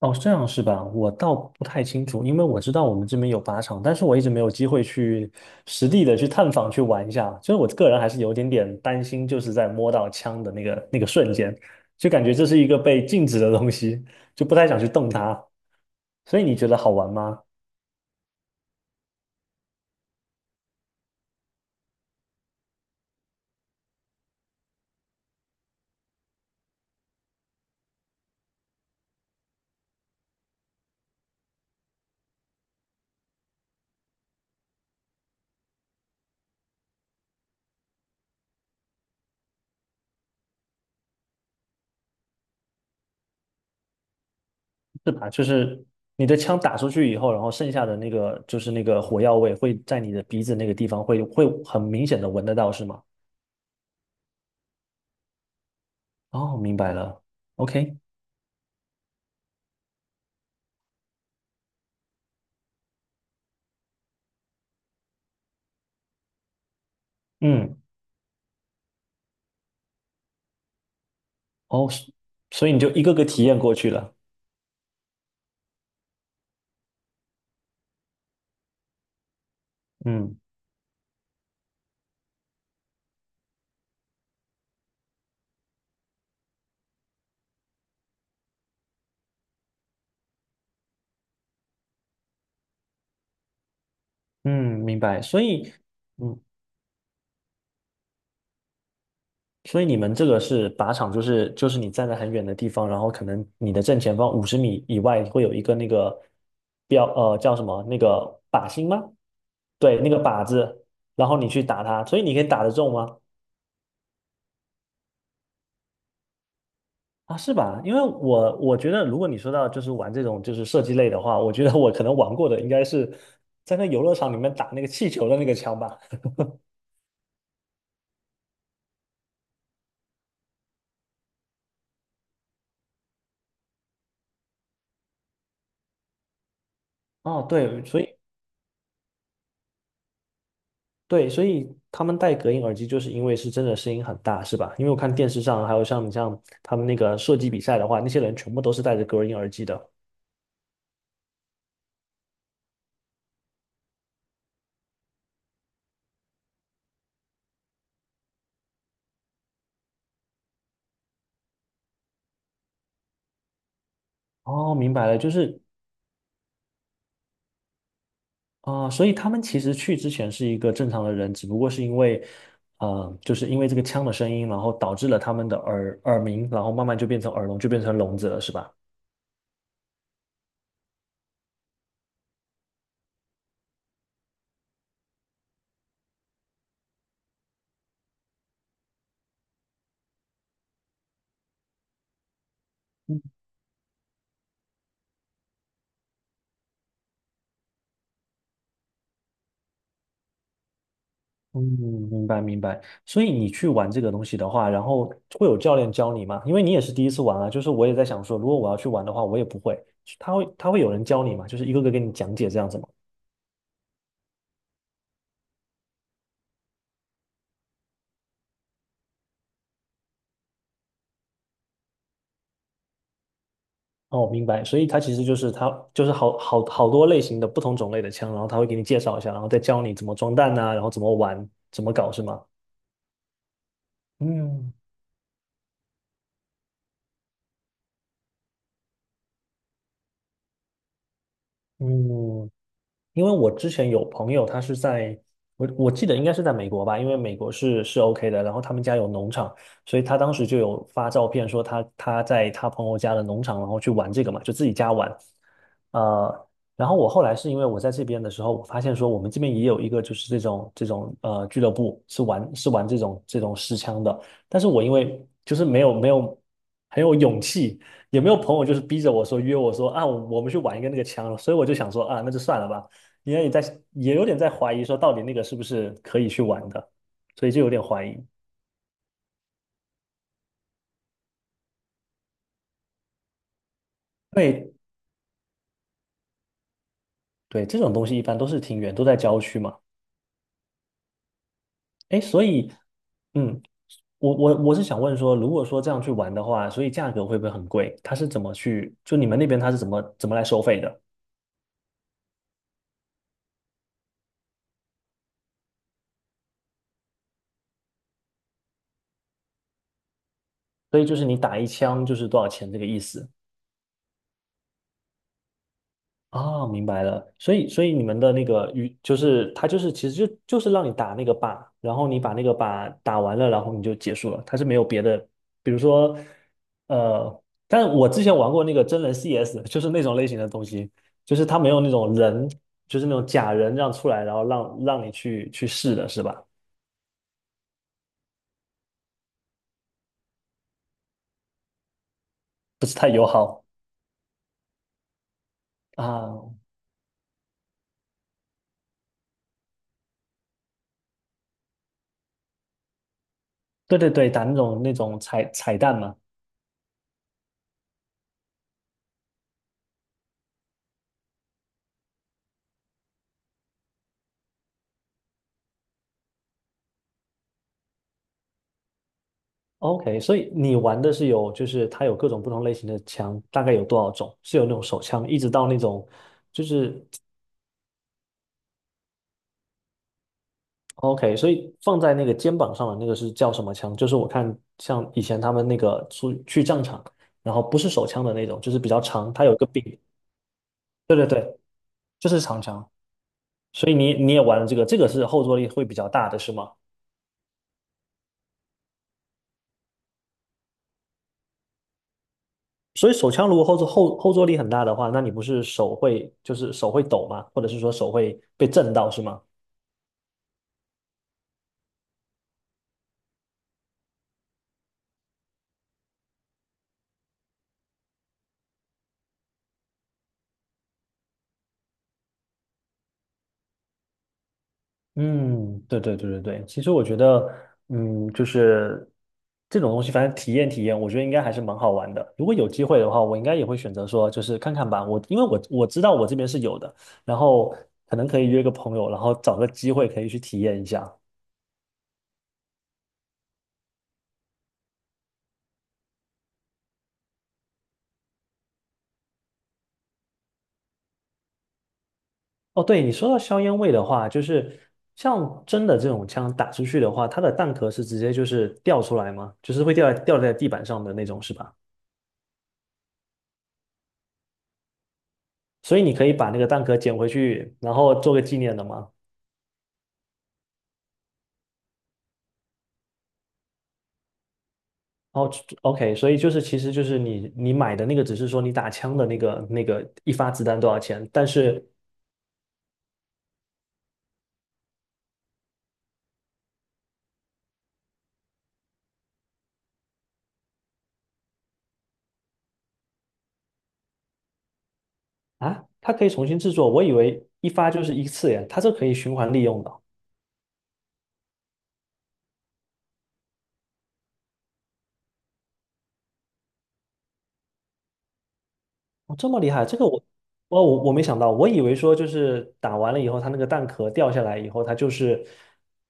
哦，这样是吧？我倒不太清楚，因为我知道我们这边有靶场，但是我一直没有机会去实地的去探访去玩一下。所以我个人还是有点点担心，就是在摸到枪的那个瞬间，就感觉这是一个被禁止的东西，就不太想去动它。所以你觉得好玩吗？是吧？就是你的枪打出去以后，然后剩下的那个就是那个火药味会在你的鼻子那个地方会很明显的闻得到，是吗？哦，明白了。OK，嗯。哦，所以你就一个个体验过去了。嗯嗯，明白。嗯，所以你们这个是靶场，就是你站在很远的地方，然后可能你的正前方50米以外会有一个那个标，叫什么？那个靶心吗？对，那个靶子，然后你去打它，所以你可以打得中吗？啊，是吧？因为我觉得，如果你说到就是玩这种就是射击类的话，我觉得我可能玩过的应该是在那游乐场里面打那个气球的那个枪吧。哦，对，所以。对，所以他们戴隔音耳机，就是因为是真的声音很大，是吧？因为我看电视上，还有像你像他们那个射击比赛的话，那些人全部都是戴着隔音耳机的。哦，明白了，就是啊、所以他们其实去之前是一个正常的人，只不过是因为，就是因为这个枪的声音，然后导致了他们的耳鸣，然后慢慢就变成耳聋，就变成聋子了，是吧？嗯，明白明白。所以你去玩这个东西的话，然后会有教练教你吗？因为你也是第一次玩啊，就是我也在想说，如果我要去玩的话，我也不会。他会有人教你吗？就是一个个给你讲解这样子吗？哦，明白。所以他其实就是他就是好多类型的不同种类的枪，然后他会给你介绍一下，然后再教你怎么装弹呐、然后怎么玩，怎么搞是吗？嗯嗯，因为我之前有朋友，他是在我记得应该是在美国吧，因为美国是是 OK 的，然后他们家有农场，所以他当时就有发照片说他在他朋友家的农场，然后去玩这个嘛，就自己家玩。呃，然后我后来是因为我在这边的时候，我发现说我们这边也有一个就是这种俱乐部是玩这种实枪的，但是我因为就是没有很有勇气，也没有朋友就是逼着我说约我说啊我们去玩一个那个枪了，所以我就想说啊那就算了吧。因为你在也有点在怀疑说到底那个是不是可以去玩的，所以就有点怀疑。对对，这种东西一般都是挺远，都在郊区嘛。哎，所以嗯，我是想问说，如果说这样去玩的话，所以价格会不会很贵？它是怎么去，就你们那边它是怎么来收费的？所以就是你打一枪就是多少钱这个意思。哦，明白了。所以，所以你们的那个与就是它就是其实就是让你打那个靶，然后你把那个靶打完了，然后你就结束了。它是没有别的，比如说，但我之前玩过那个真人 CS，就是那种类型的东西，就是它没有那种人，就是那种假人这样出来，然后让你去试的是吧？不是太友好啊。对对对，打那种彩蛋嘛。OK，所以你玩的是有，就是它有各种不同类型的枪，大概有多少种？是有那种手枪，一直到那种，就是 OK，所以放在那个肩膀上的那个是叫什么枪？就是我看像以前他们那个出去战场，然后不是手枪的那种，就是比较长，它有一个柄。对对对，就是长枪。所以你你也玩了这个，这个是后坐力会比较大的是吗？所以手枪如果后坐力很大的话，那你不是手会就是手会抖吗？或者是说手会被震到是吗？嗯，对对对对对，其实我觉得，嗯，就是这种东西，反正体验体验，我觉得应该还是蛮好玩的。如果有机会的话，我应该也会选择说，就是看看吧。我因为我知道我这边是有的，然后可能可以约个朋友，然后找个机会可以去体验一下。哦，对，你说到硝烟味的话，就是像真的这种枪打出去的话，它的弹壳是直接就是掉出来吗？就是会掉在地板上的那种，是吧？所以你可以把那个弹壳捡回去，然后做个纪念的吗？哦，OK，所以就是，其实就是你买的那个，只是说你打枪的那个一发子弹多少钱，但是啊，它可以重新制作，我以为一发就是一次耶，它这可以循环利用的，哦，这么厉害，这个我没想到，我以为说就是打完了以后，它那个弹壳掉下来以后，它就是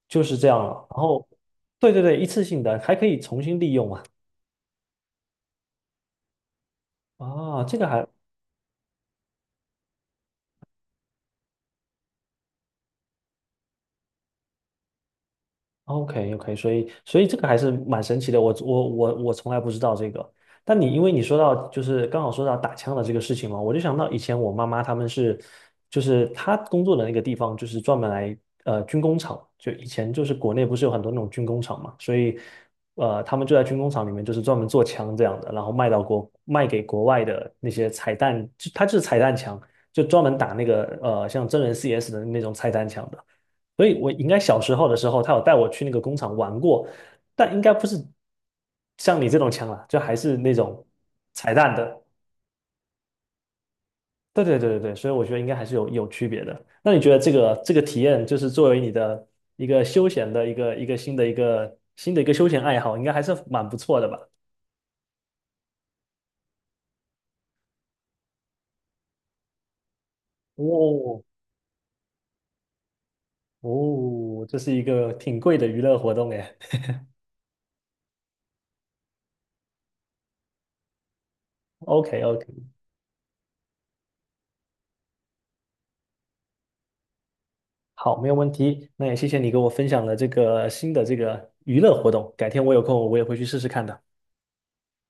就是这样了，然后对对对，一次性的还可以重新利用啊，啊，这个还 OK OK，所以所以这个还是蛮神奇的，我从来不知道这个。但你因为你说到就是刚好说到打枪的这个事情嘛，我就想到以前我妈妈他们是，就是她工作的那个地方就是专门来军工厂，就以前就是国内不是有很多那种军工厂嘛，所以他们就在军工厂里面就是专门做枪这样的，然后卖到国卖给国外的那些彩弹，就它就是彩弹枪，就专门打那个像真人 CS 的那种彩弹枪的。所以我应该小时候的时候，他有带我去那个工厂玩过，但应该不是像你这种枪啦，就还是那种彩蛋的。对对对对对，所以我觉得应该还是有区别的。那你觉得这个这个体验，就是作为你的一个休闲的一个新的休闲爱好，应该还是蛮不错的吧？哦哦，这是一个挺贵的娱乐活动哎。OK OK，好，没有问题。那也谢谢你给我分享了这个新的这个娱乐活动，改天我有空我也会去试试看的。